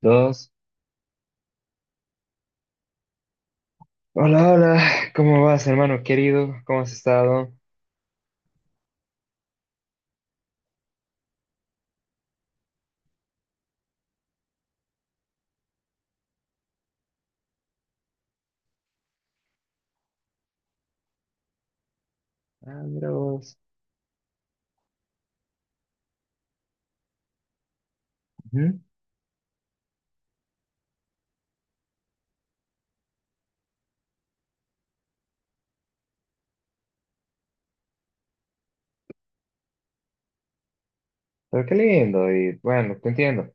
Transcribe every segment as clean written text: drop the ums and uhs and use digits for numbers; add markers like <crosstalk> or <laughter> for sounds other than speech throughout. Dos. Hola, hola. ¿Cómo vas, hermano querido? ¿Cómo has estado? Ah, mira vos. Ujú. Pero qué lindo. Y bueno, te entiendo.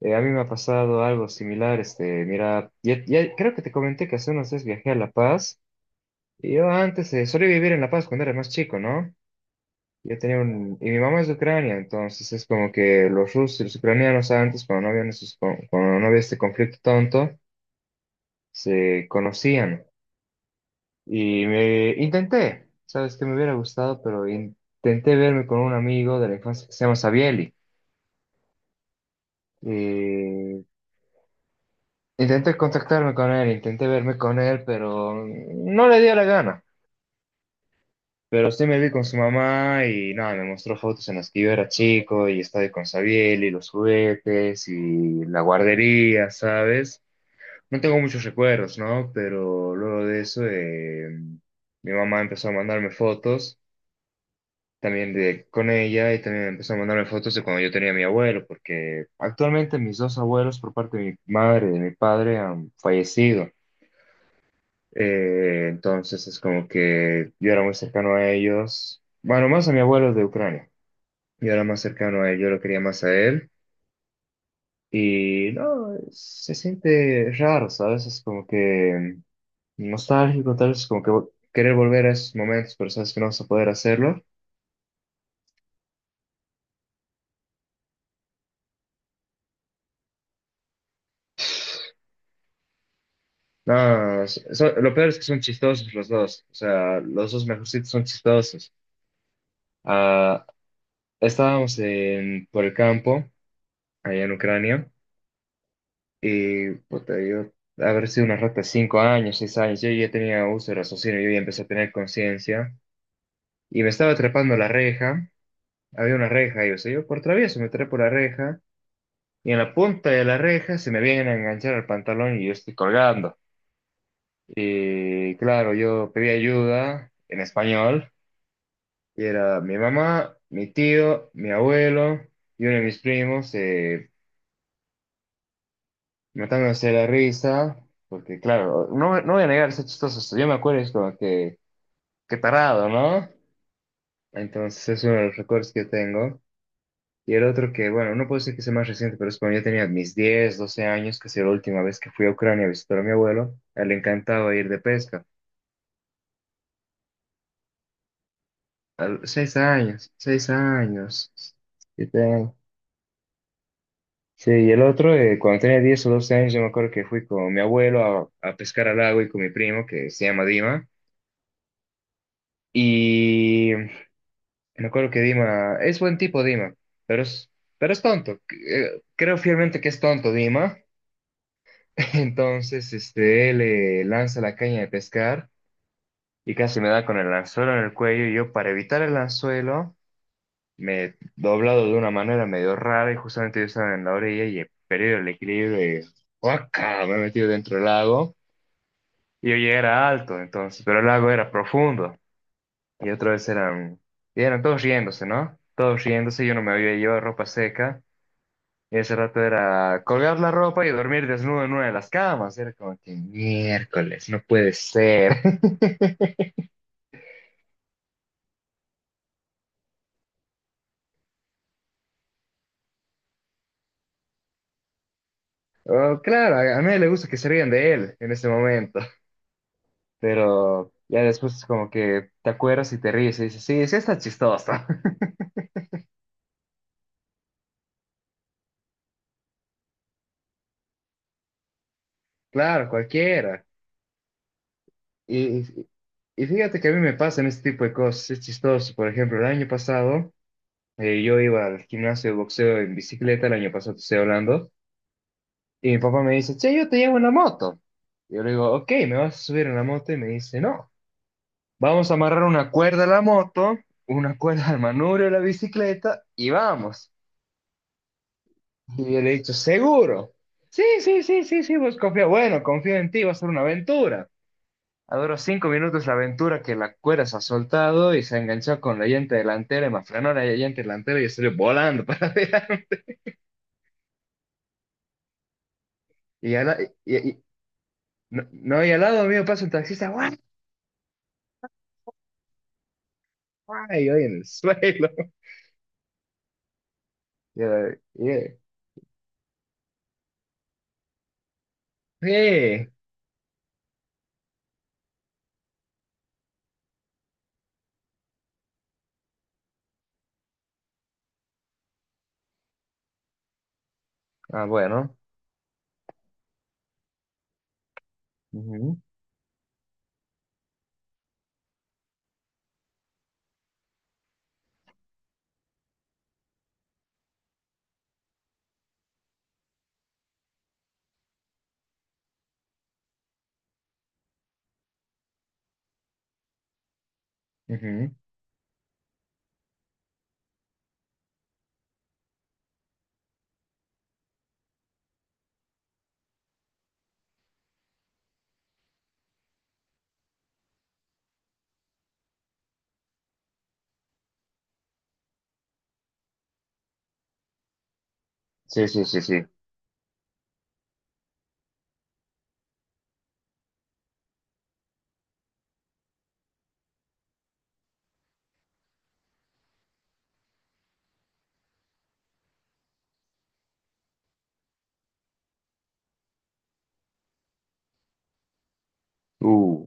A mí me ha pasado algo similar. Este, mira, ya creo que te comenté que hace unos días viajé a La Paz. Y yo antes solía vivir en La Paz cuando era más chico, ¿no? Yo tenía un... Y mi mamá es de Ucrania, entonces es como que los rusos y los ucranianos antes, cuando no había este conflicto tonto, se conocían. Sabes que me hubiera gustado, pero intenté verme con un amigo de la infancia que se llama Sabieli. Eh, intenté contactarme con él, intenté verme con él, pero no le dio la gana. Pero sí me vi con su mamá y nada, me mostró fotos en las que yo era chico y estaba ahí con Sabieli, los juguetes y la guardería, ¿sabes? No tengo muchos recuerdos, ¿no? Pero luego de eso, mi mamá empezó a mandarme fotos también de, con ella y también empezó a mandarme fotos de cuando yo tenía a mi abuelo, porque actualmente mis dos abuelos por parte de mi madre y de mi padre han fallecido. Entonces es como que yo era muy cercano a ellos, bueno, más a mi abuelo de Ucrania. Yo era más cercano a él, yo lo quería más a él. Y no, se siente raro, ¿sabes? Es como que nostálgico, tal vez como que querer volver a esos momentos, pero sabes que no vas a poder hacerlo. No, lo peor es que son chistosos los dos. O sea, los dos mejorcitos son chistosos. Ah, estábamos en, por el campo, allá en Ucrania, y puta, yo, haber sido una rata de 5 años, 6 años, yo ya tenía uso de raciocinio, yo ya empecé a tener conciencia, y me estaba trepando la reja. Había una reja, y o sea, yo por travieso me trepo la reja, y en la punta de la reja se me vienen a enganchar al pantalón y yo estoy colgando. Y claro, yo pedí ayuda en español. Y era mi mamá, mi tío, mi abuelo y uno de mis primos matándose de la risa, porque claro, no, no voy a negar, es chistoso. Yo me acuerdo, es como que, qué tarado, ¿no? Entonces es uno de los recuerdos que tengo. Y el otro que, bueno, no puedo decir que sea más reciente, pero es cuando yo tenía mis 10, 12 años, que fue la última vez que fui a Ucrania a visitar a mi abuelo. A él le encantaba ir de pesca. A los 6 años, 6 años. 7 años. Sí, y el otro, cuando tenía 10 o 12 años, yo me acuerdo que fui con mi abuelo a pescar al lago y con mi primo, que se llama Dima. Y me acuerdo que Dima, es buen tipo Dima, pero es, pero es tonto. Creo fielmente que es tonto Dima. <laughs> Entonces, este, él lanza la caña de pescar y casi me da con el anzuelo en el cuello. Y yo, para evitar el anzuelo, me he doblado de una manera medio rara y justamente yo estaba en la orilla y he perdido el equilibrio y ¡guaca! Me he metido dentro del lago. Y yo ya era alto, entonces, pero el lago era profundo. Y otra vez eran, y eran todos riéndose, ¿no? Todos riéndose, yo no me había llevado ropa seca. Y ese rato era colgar la ropa y dormir desnudo en una de las camas. Era como que miércoles, no puede ser. <laughs> Oh, claro, a nadie le gusta que se rían de él en ese momento. Pero ya después es como que te acuerdas y te ríes y dices, sí, sí está chistoso. <laughs> Claro, cualquiera. Y, y- Fíjate que a mí me pasan este tipo de cosas, es chistoso. Por ejemplo, el año pasado yo iba al gimnasio de boxeo en bicicleta, el año pasado te estoy hablando, y mi papá me dice, che, yo te llevo en la moto. Yo le digo, ok, ¿me vas a subir en la moto? Y me dice, no, vamos a amarrar una cuerda a la moto, una cuerda al manubrio de la bicicleta y vamos. Y yo le he dicho, ¿seguro? Sí, sí, sí, sí, sí, vos confía, bueno, confío en ti, va a ser una aventura. Duró 5 minutos la aventura que la cuerda se ha soltado y se enganchó con la llanta delantera y me frenó la llanta delantera y estoy volando para allá. <laughs> Y, al, la- y- No, no, y al lado mío pasa un taxista, ¡guau! Guau", y yo en el suelo. <laughs> Y yo, "Yeah, yeah". Ah, bueno. Ujú, ujú. Sí, sí, sí, sí. Uh,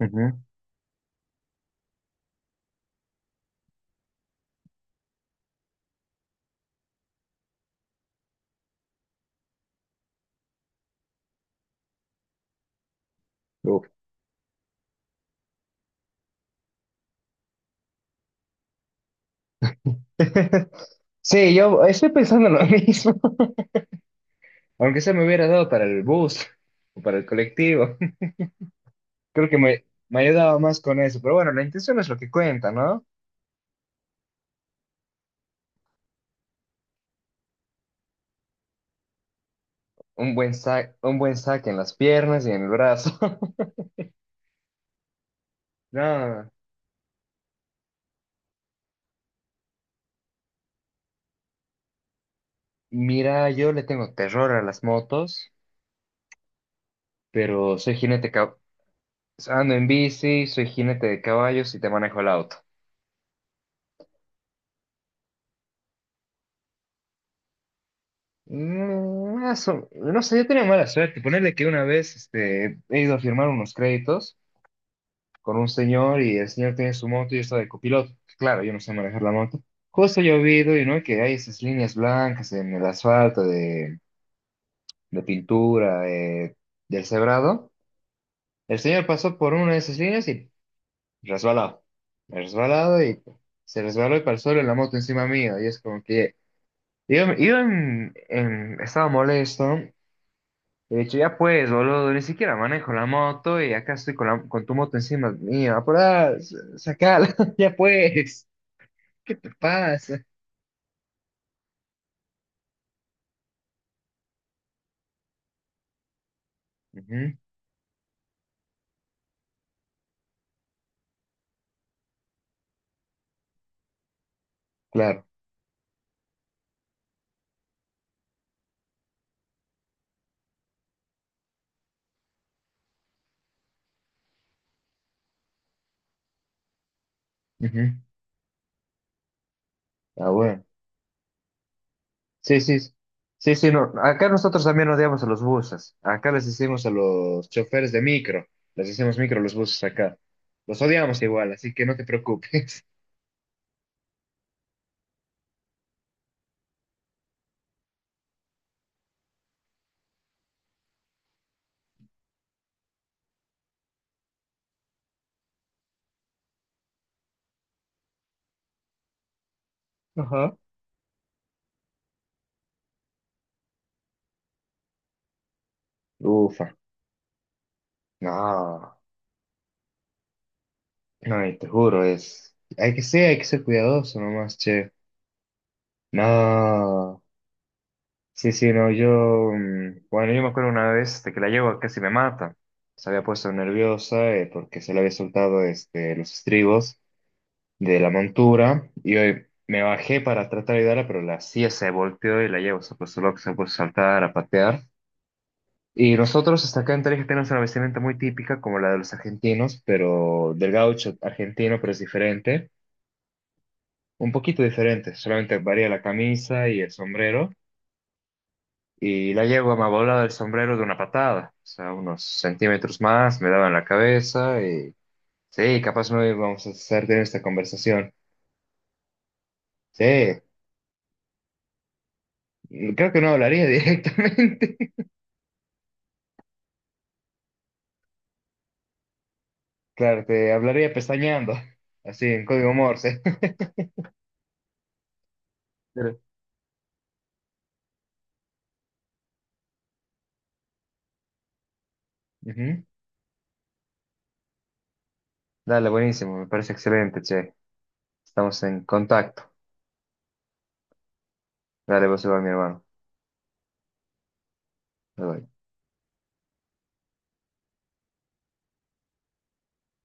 ujú, uh. <laughs> Sí, yo estoy pensando lo mismo. <laughs> Aunque se me hubiera dado para el bus o para el colectivo. Creo que me ayudaba más con eso, pero bueno, la intención es lo que cuenta, ¿no? Un buen saque en las piernas y en el brazo. <laughs> No, mira, yo le tengo terror a las motos, pero soy jinete, ando en bici, soy jinete de caballos y te manejo el auto. Mm, no sé, yo tenía mala suerte. Ponerle que una vez este, he ido a firmar unos créditos con un señor y el señor tiene su moto y yo estaba de copiloto. Claro, yo no sé manejar la moto. Justo llovido y no que hay esas líneas blancas en el asfalto de pintura del cebrado. El señor pasó por una de esas líneas y resbalado. Resbalado y se resbaló y pasó la moto encima mío. Y es como que yo estaba molesto y he dicho, ya pues, boludo, ni siquiera manejo la moto y acá estoy con, con tu moto encima mía. Apurá, sacala, <laughs> ya pues. Pasa. Ujú, claro. Ujú. Ah, bueno. Sí, sí. Sí, sí, sí, no. Acá nosotros también odiamos a los buses. Acá les decimos a los choferes de micro. Les decimos micro a los buses acá. Los odiamos igual, así que no te preocupes. <laughs> Ajá. Ufa. No. No, y te juro, es. Hay que ser cuidadoso nomás, che. No. Sí, sí, no, yo, bueno, yo me acuerdo una vez de que la yegua casi me mata. Se había puesto nerviosa porque se le había soltado los estribos de la montura y hoy me bajé para tratar de ayudarla, pero la silla se volteó y la yegua se puso loca, se puso a saltar, a patear. Y nosotros hasta acá en Tarija tenemos una vestimenta muy típica como la de los argentinos, pero del gaucho argentino, pero es diferente, un poquito diferente, solamente varía la camisa y el sombrero. Y la yegua me ha volado el sombrero de una patada, o sea, unos centímetros más, me daba en la cabeza y sí, capaz no íbamos a estar en esta conversación. Sí, creo que no hablaría <laughs> directamente. Claro, te hablaría pestañeando, así en código Morse. <laughs> Pero- Ujú. Dale, buenísimo, me parece excelente, che. Estamos en contacto. Dale, vos igual, mi hermano. Bye, bye.